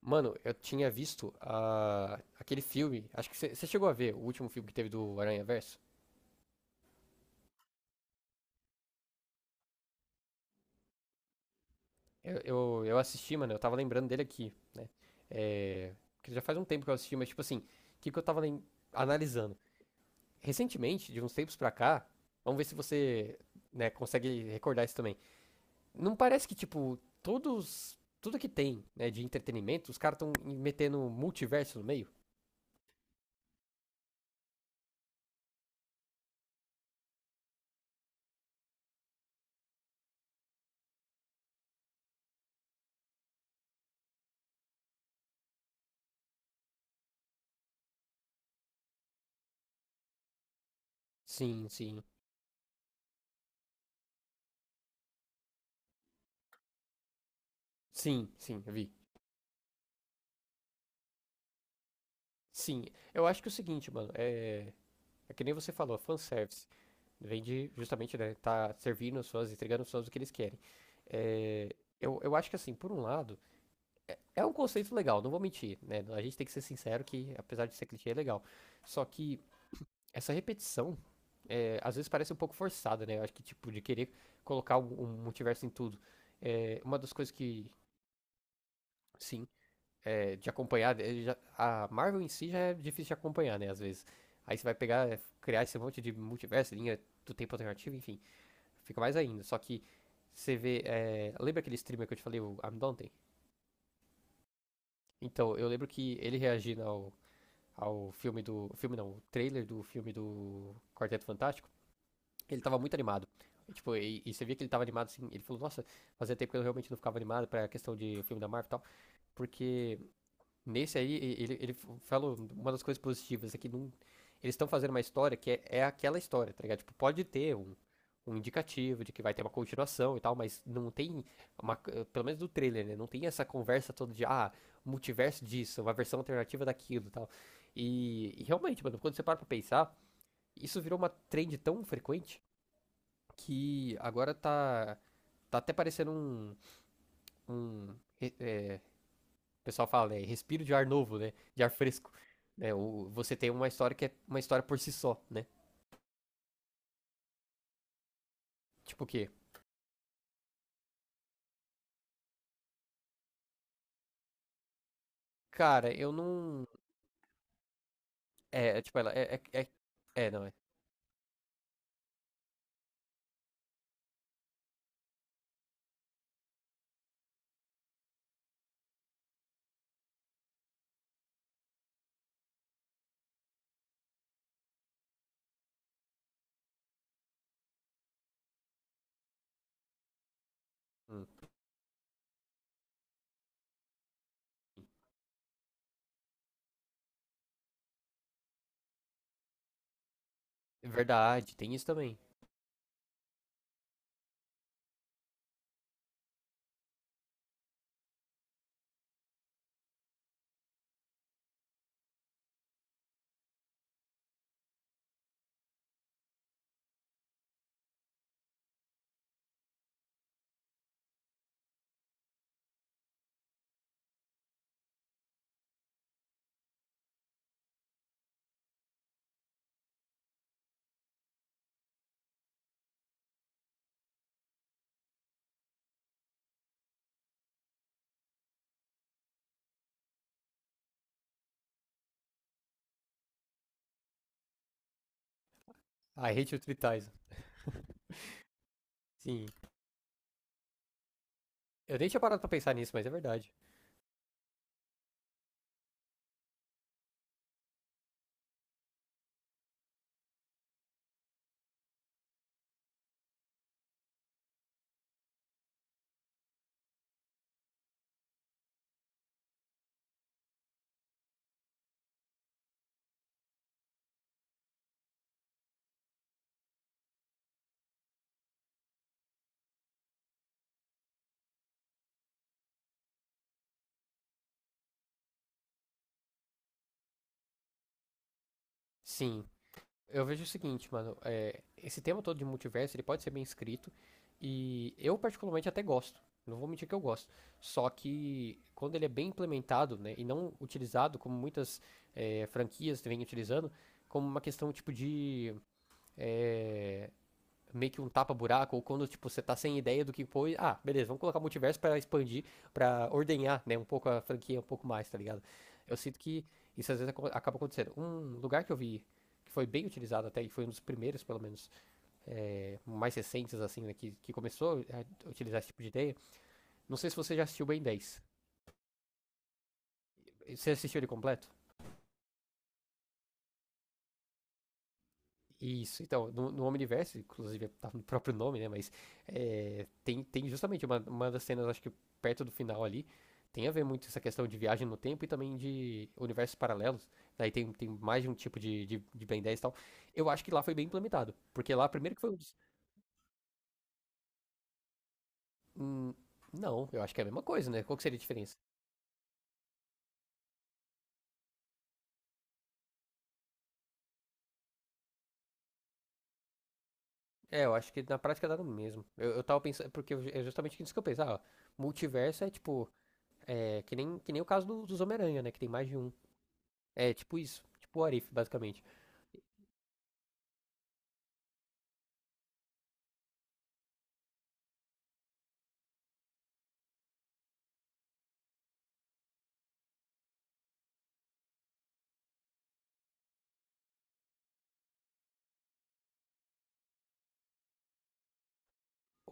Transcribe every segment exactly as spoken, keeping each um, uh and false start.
Mano, eu tinha visto a- aquele filme. Acho que você chegou a ver o último filme que teve do Aranha Verso. Eu, eu, eu assisti, mano, eu tava lembrando dele aqui, né? É, que já faz um tempo que eu assisti, mas tipo assim, o que, que eu tava lem- analisando? Recentemente, de uns tempos pra cá, vamos ver se você, né, consegue recordar isso também. Não parece que, tipo, todos. Tudo que tem, né, de entretenimento, os caras estão metendo multiverso no meio? Sim, sim. Sim, sim, eu vi. Sim. Eu acho que é o seguinte, mano, é. É que nem você falou, fanservice. Vem de justamente, né, tá servindo os fãs, entregando os fãs o que eles querem. É, eu, eu acho que assim, por um lado, é um conceito legal, não vou mentir, né? A gente tem que ser sincero que, apesar de ser clichê, é legal. Só que essa repetição, é, às vezes parece um pouco forçada, né? Eu acho que, tipo, de querer colocar um, um multiverso em tudo. É, uma das coisas que, sim, é, de acompanhar, é, já- a Marvel em si já é difícil de acompanhar, né? Às vezes. Aí você vai pegar, é, criar esse monte de multiverso, linha do tempo alternativo, enfim. Fica mais ainda. Só que você vê. É, lembra aquele streamer que eu te falei, o I'm Dante? Então, eu lembro que ele reagindo ao, ao filme do. Filme não, o trailer do filme do Quarteto Fantástico. Ele tava muito animado. Tipo, e, e você via que ele tava animado assim. Ele falou, nossa, fazia tempo que eu realmente não ficava animado pra questão de filme da Marvel e tal. Porque nesse aí, ele, ele falou uma das coisas positivas é que não- eles estão fazendo uma história que é, é aquela história, tá ligado? Tipo, pode ter um, um indicativo de que vai ter uma continuação e tal, mas não tem uma, pelo menos do trailer, né? Não tem essa conversa toda de, ah, multiverso disso, uma versão alternativa daquilo e tal. E, e realmente, mano, quando você para pra pensar, isso virou uma trend tão frequente que agora tá, tá até parecendo um, um, é, é, o pessoal fala, né? Respiro de ar novo, né? De ar fresco. Né? O, você tem uma história que é uma história por si só, né? Tipo o quê? Cara, eu não. É, é, tipo, ela. É, é, é, é, não, é. Hum. É verdade, tem isso também. I hate you three times. Sim. Eu nem tinha parado pra pensar nisso, mas é verdade. Sim, eu vejo o seguinte, mano, é, esse tema todo de multiverso, ele pode ser bem escrito e eu particularmente até gosto. Não vou mentir que eu gosto. Só que quando ele é bem implementado, né, e não utilizado como muitas é, franquias vêm utilizando, como uma questão tipo de é, meio que um tapa-buraco, ou quando, tipo, você tá sem ideia do que foi ah, beleza, vamos colocar multiverso pra expandir, pra ordenhar, né, um pouco a franquia, um pouco mais, tá ligado? Eu sinto que isso às vezes aco- acaba acontecendo. Um lugar que eu vi que foi bem utilizado até, e foi um dos primeiros, pelo menos, é, mais recentes, assim, né, que, que começou a utilizar esse tipo de ideia, não sei se você já assistiu o Ben dez. Você assistiu ele completo? Isso, então, no, no Omniverse, inclusive tá no próprio nome, né? Mas é, tem, tem justamente uma, uma das cenas, acho que perto do final ali, tem a ver muito essa questão de viagem no tempo e também de universos paralelos. Daí tem, tem mais de um tipo de, de, de Ben dez e tal. Eu acho que lá foi bem implementado. Porque lá, primeiro que foi um dos. Hum, não, eu acho que é a mesma coisa, né? Qual que seria a diferença? É, eu acho que na prática dá no mesmo. Eu, eu tava pensando, porque eu- é justamente isso que eu pensei. Ah, multiverso é tipo. É, que nem, que nem o caso do- dos Homem-Aranha, né? Que tem mais de um. É, tipo isso. Tipo o Arif, basicamente.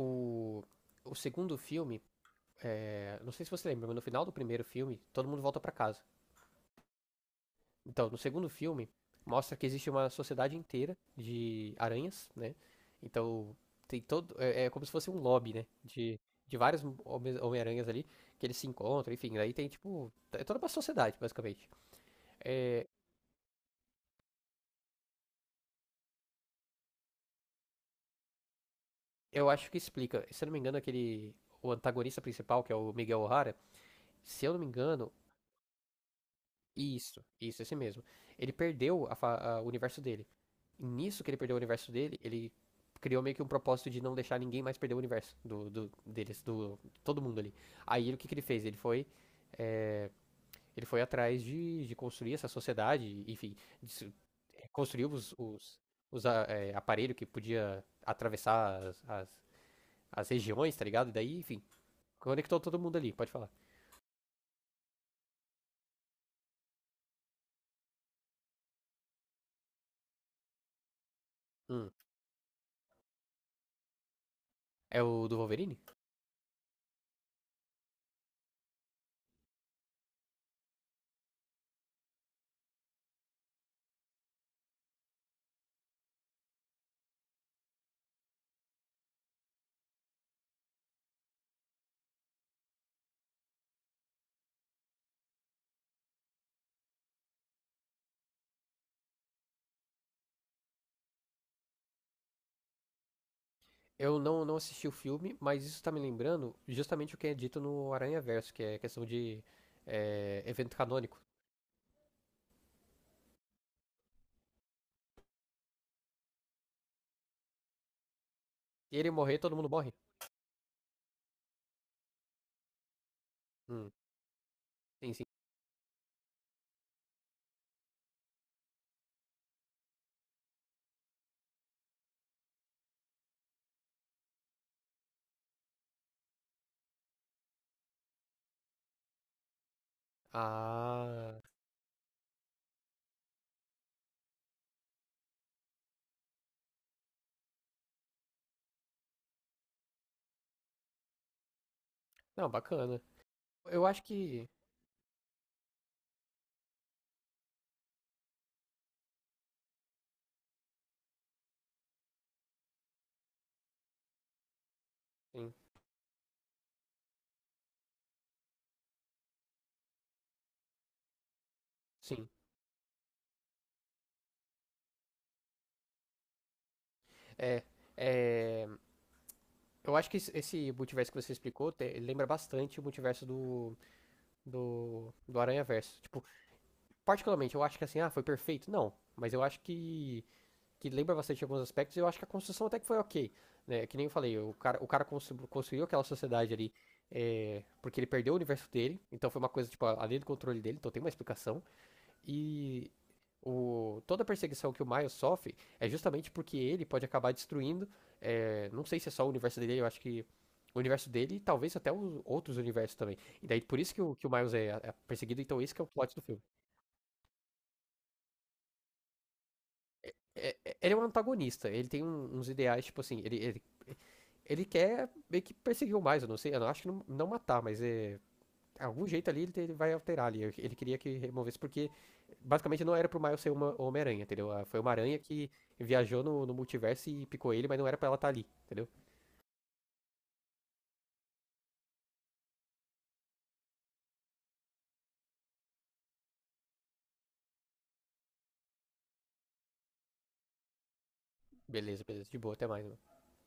O, o segundo filme, é, não sei se você lembra, mas no final do primeiro filme, todo mundo volta pra casa. Então, no segundo filme, mostra que existe uma sociedade inteira de aranhas, né? Então, tem todo. É, é como se fosse um lobby, né? De, de vários Home- Homem-Aranhas ali, que eles se encontram, enfim. Daí tem, tipo. É toda uma sociedade, basicamente. É, eu acho que explica. Se eu não me engano, aquele. O antagonista principal, que é o Miguel O'Hara, se eu não me engano, Isso, isso, esse mesmo. Ele perdeu a fa- a- o universo dele. E nisso que ele perdeu o universo dele, ele criou meio que um propósito de não deixar ninguém mais perder o universo do, do- deles, do todo mundo ali. Aí o que, que ele fez? Ele foi, é, ele foi atrás de, de construir essa sociedade, enfim, de se- eh, construiu os, os, os a- é, aparelhos que podia atravessar as, as, as regiões, tá ligado? E daí, enfim, conectou todo mundo ali, pode falar. Hum, É o do Wolverine? Eu não, não assisti o filme, mas isso tá me lembrando justamente o que é dito no Aranha Verso, que é questão de é, evento canônico. Se ele morrer, todo mundo morre. Hum, sim, sim. Ah, não, bacana. Eu acho que. Sim, sim. É, é, eu acho que esse- esse multiverso que você explicou te- lembra bastante o multiverso do, do, do Aranha Verso. Tipo, particularmente, eu acho que assim, ah, foi perfeito. Não, mas eu acho que que lembra bastante alguns aspectos, e eu acho que a construção até que foi ok. Né? É que nem eu falei, o cara, o cara construiu aquela sociedade ali é, porque ele perdeu o universo dele, então foi uma coisa, tipo, além do controle dele, então tem uma explicação. E o, toda a perseguição que o Miles sofre é justamente porque ele pode acabar destruindo, é, não sei se é só o universo dele, eu acho que o universo dele e talvez até os outros universos também. E daí por isso que o, que o Miles é, é perseguido, então esse que é o plot do filme. É- é- ele é um antagonista, ele tem um- uns ideais, tipo assim, ele, ele Ele quer meio que perseguir o mais, eu não sei, eu não acho que não, não matar, mas é. Algum jeito ali ele, te- ele vai alterar ali. Ele queria que removesse, porque basicamente não era pro Miles ser uma Homem-Aranha, entendeu? Ah, foi uma aranha que viajou no, no multiverso e picou ele, mas não era pra ela estar ali, entendeu? Beleza, beleza, de boa, até mais, mano.